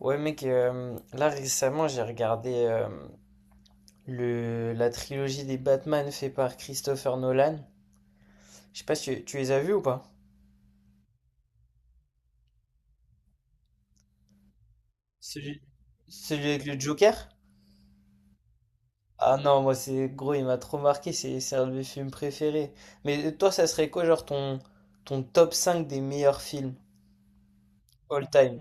Ouais mec, là récemment j'ai regardé la trilogie des Batman fait par Christopher Nolan. Je sais pas si tu les as vus ou pas? Celui, celui avec le Joker? Ah non, moi c'est gros, il m'a trop marqué, c'est un de mes films préférés. Mais toi ça serait quoi genre ton top 5 des meilleurs films all time?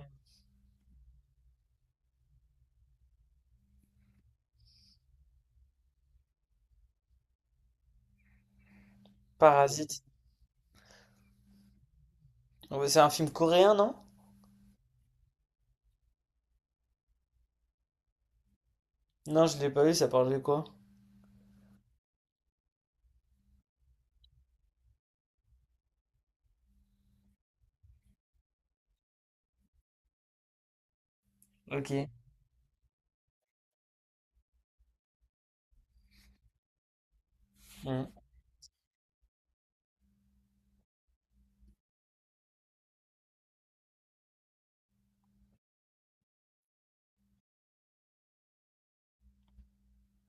Parasite. Ouais, c'est un film coréen, non? Non, je l'ai pas vu, ça parle de quoi? Ok. Hmm,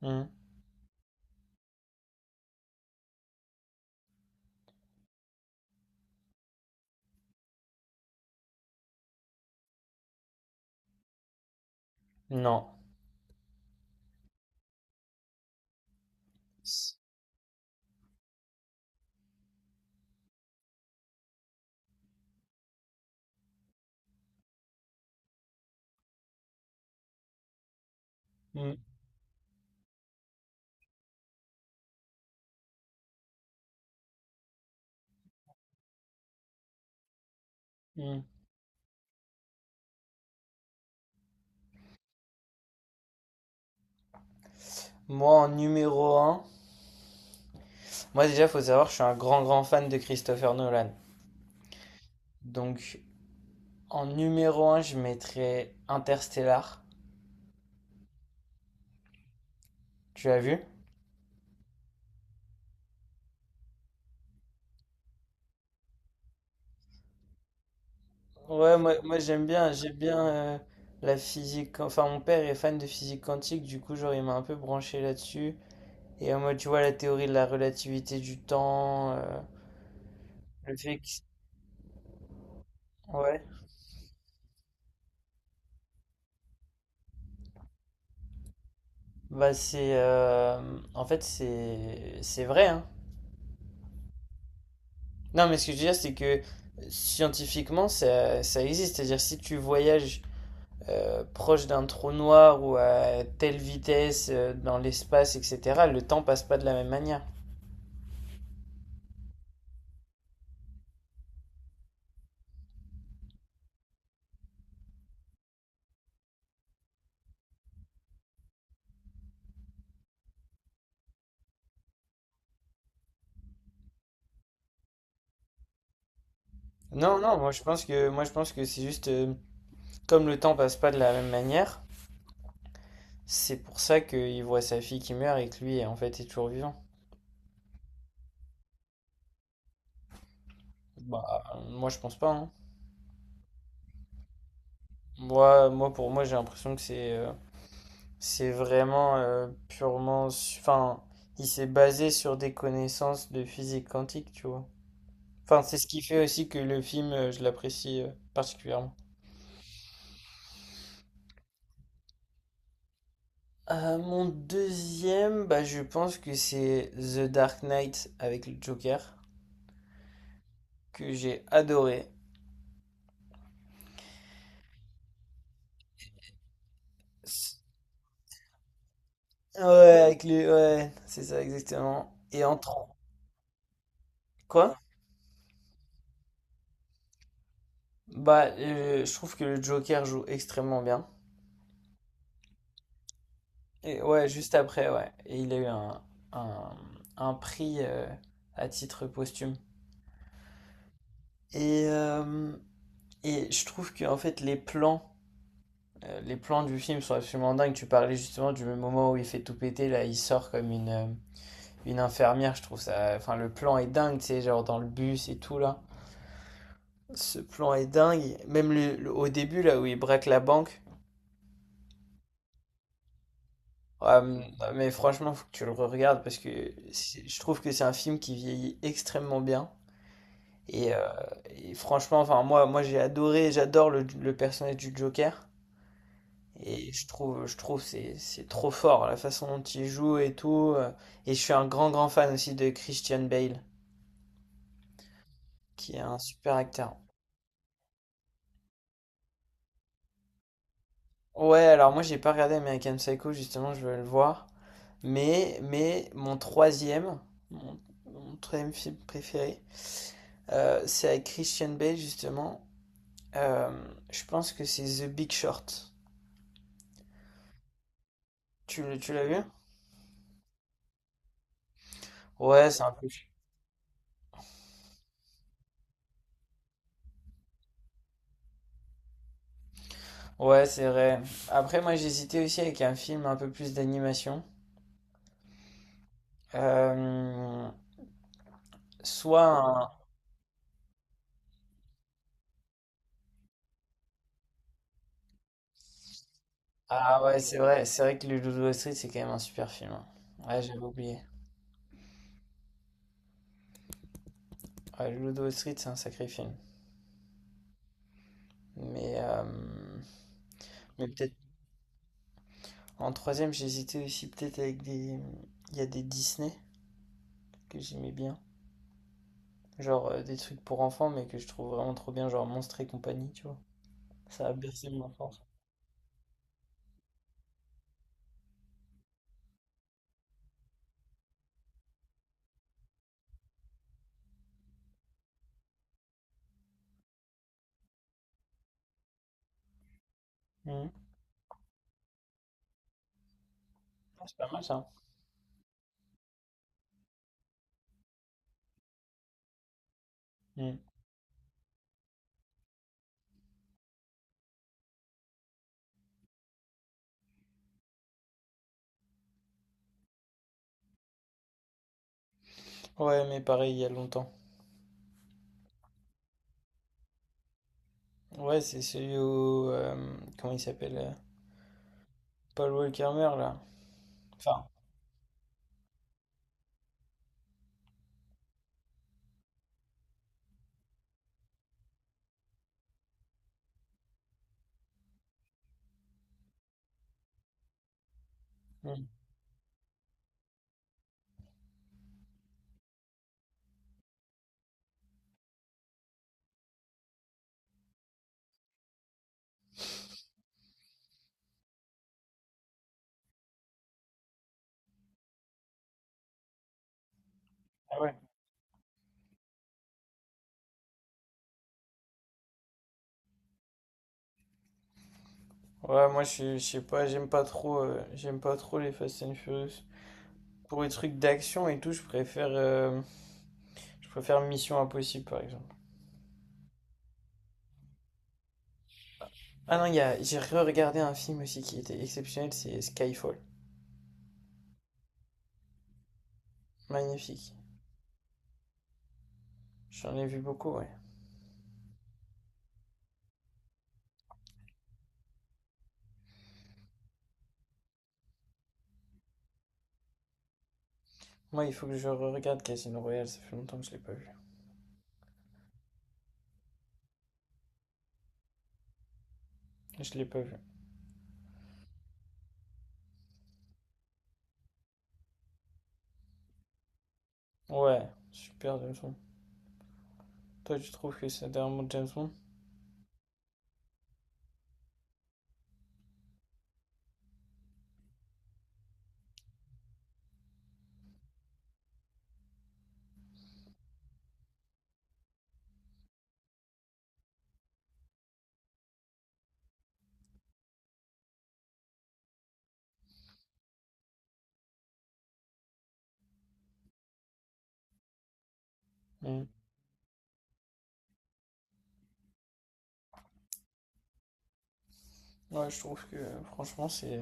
hmm. Non. Hmm, hmm. Moi en numéro un. Moi déjà, faut savoir, je suis un grand grand fan de Christopher Nolan. Donc en numéro un, je mettrais Interstellar. Tu l'as vu? Ouais, moi j'aime bien euh, la physique. Enfin, mon père est fan de physique quantique, du coup, genre, il m'a un peu branché là-dessus. Et moi, tu vois, la théorie de la relativité du temps, le fait que... Ouais. Bah, en fait, c'est... C'est vrai, hein. Non, mais ce que je veux dire, c'est que scientifiquement, ça existe. C'est-à-dire, si tu voyages proche d'un trou noir ou à telle vitesse dans l'espace, etc., le temps passe pas de la même manière. Non, non, moi je pense que, moi, je pense que c'est juste comme le temps passe pas de la même manière, c'est pour ça qu'il voit sa fille qui meurt et que lui en fait est toujours vivant. Bah, moi je pense pas, hein. Moi, moi pour moi j'ai l'impression que c'est vraiment purement, enfin, il s'est basé sur des connaissances de physique quantique, tu vois. Enfin, c'est ce qui fait aussi que le film je l'apprécie particulièrement. Mon deuxième, bah, je pense que c'est The Dark Knight avec le Joker, que j'ai adoré. Ouais, avec les... ouais, c'est ça exactement. Et en tro- Quoi? Bah, je trouve que le Joker joue extrêmement bien. Et ouais, juste après, ouais. Et il a eu un, un prix à titre posthume. Et, euh, et je trouve que en fait les plans du film sont absolument dingues. Tu parlais justement du moment où il fait tout péter, là il sort comme une infirmière, je trouve ça. Enfin, le plan est dingue, tu sais, genre dans le bus et tout là. Ce plan est dingue. Même au début, là où il braque la banque. Euh, mais franchement, faut que tu le regardes parce que c'est- je trouve que c'est un film qui vieillit extrêmement bien. Et, euh, et franchement, enfin, moi j'ai adoré, j'adore le personnage du Joker. Et je trouve c'est trop fort la façon dont il joue et tout. Et je suis un grand, grand fan aussi de Christian Bale, qui est un super acteur. Ouais, alors moi j'ai pas regardé American Psycho, justement, je veux le voir. Mais mon troisième, mon, mon troisième film préféré, c'est avec Christian Bale, justement. Euh, je pense que c'est The Big Short. Tu, le- tu l'as vu? Ouais, c'est un peu. Ch- Ouais, c'est vrai. Après, moi j'hésitais aussi avec un film un peu plus d'animation. Euh, soit un... Ah ouais, c'est vrai que le Loup de Wall Street, c'est quand même un super film, hein. Ouais, j'avais oublié. Ouais, le Loup de Wall Street, c'est un sacré film. Mais, euh, Mais peut-être en troisième, j'hésitais aussi peut-être avec des... Il y a des Disney que j'aimais bien. Genre des trucs pour enfants, mais que je trouve vraiment trop bien, genre Monstres et compagnie, tu vois. Ça a bercé mon enfance. Mhm. Ah, c'est pas mal ça. Mhm. Ouais, mais pareil, il y a longtemps. Ouais, c'est celui où... comment il s'appelle? Paul Walker meurt, là. Enfin... Mhm. Ah ouais. Ouais, je sais pas, j'aime pas trop les Fast and Furious. Pour les trucs d'action et tout, je préfère... je préfère Mission Impossible, par exemple. Ah non, il y a- j'ai re-regardé un film aussi qui était exceptionnel, c'est Skyfall. Magnifique. J'en ai vu beaucoup, ouais. Moi, il faut que je re-regarde Casino Royale, ça fait longtemps que je l'ai pas vu. Je l'ai pas vu. Ouais, super James Bond. Toi, tu trouves que c'est dernièrement James Bond. Hmm. Ouais, je trouve que franchement, c'est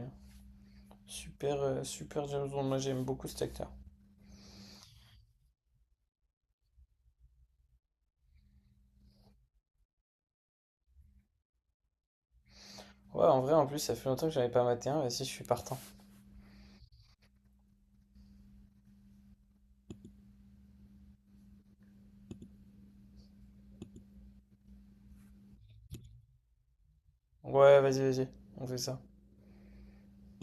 super, super James Bond. Moi, j'aime beaucoup cet acteur. Ouais, en vrai, en plus, ça fait longtemps que j'avais pas maté un. Vas-y, je suis partant. Ouais, vas-y, on fait ça.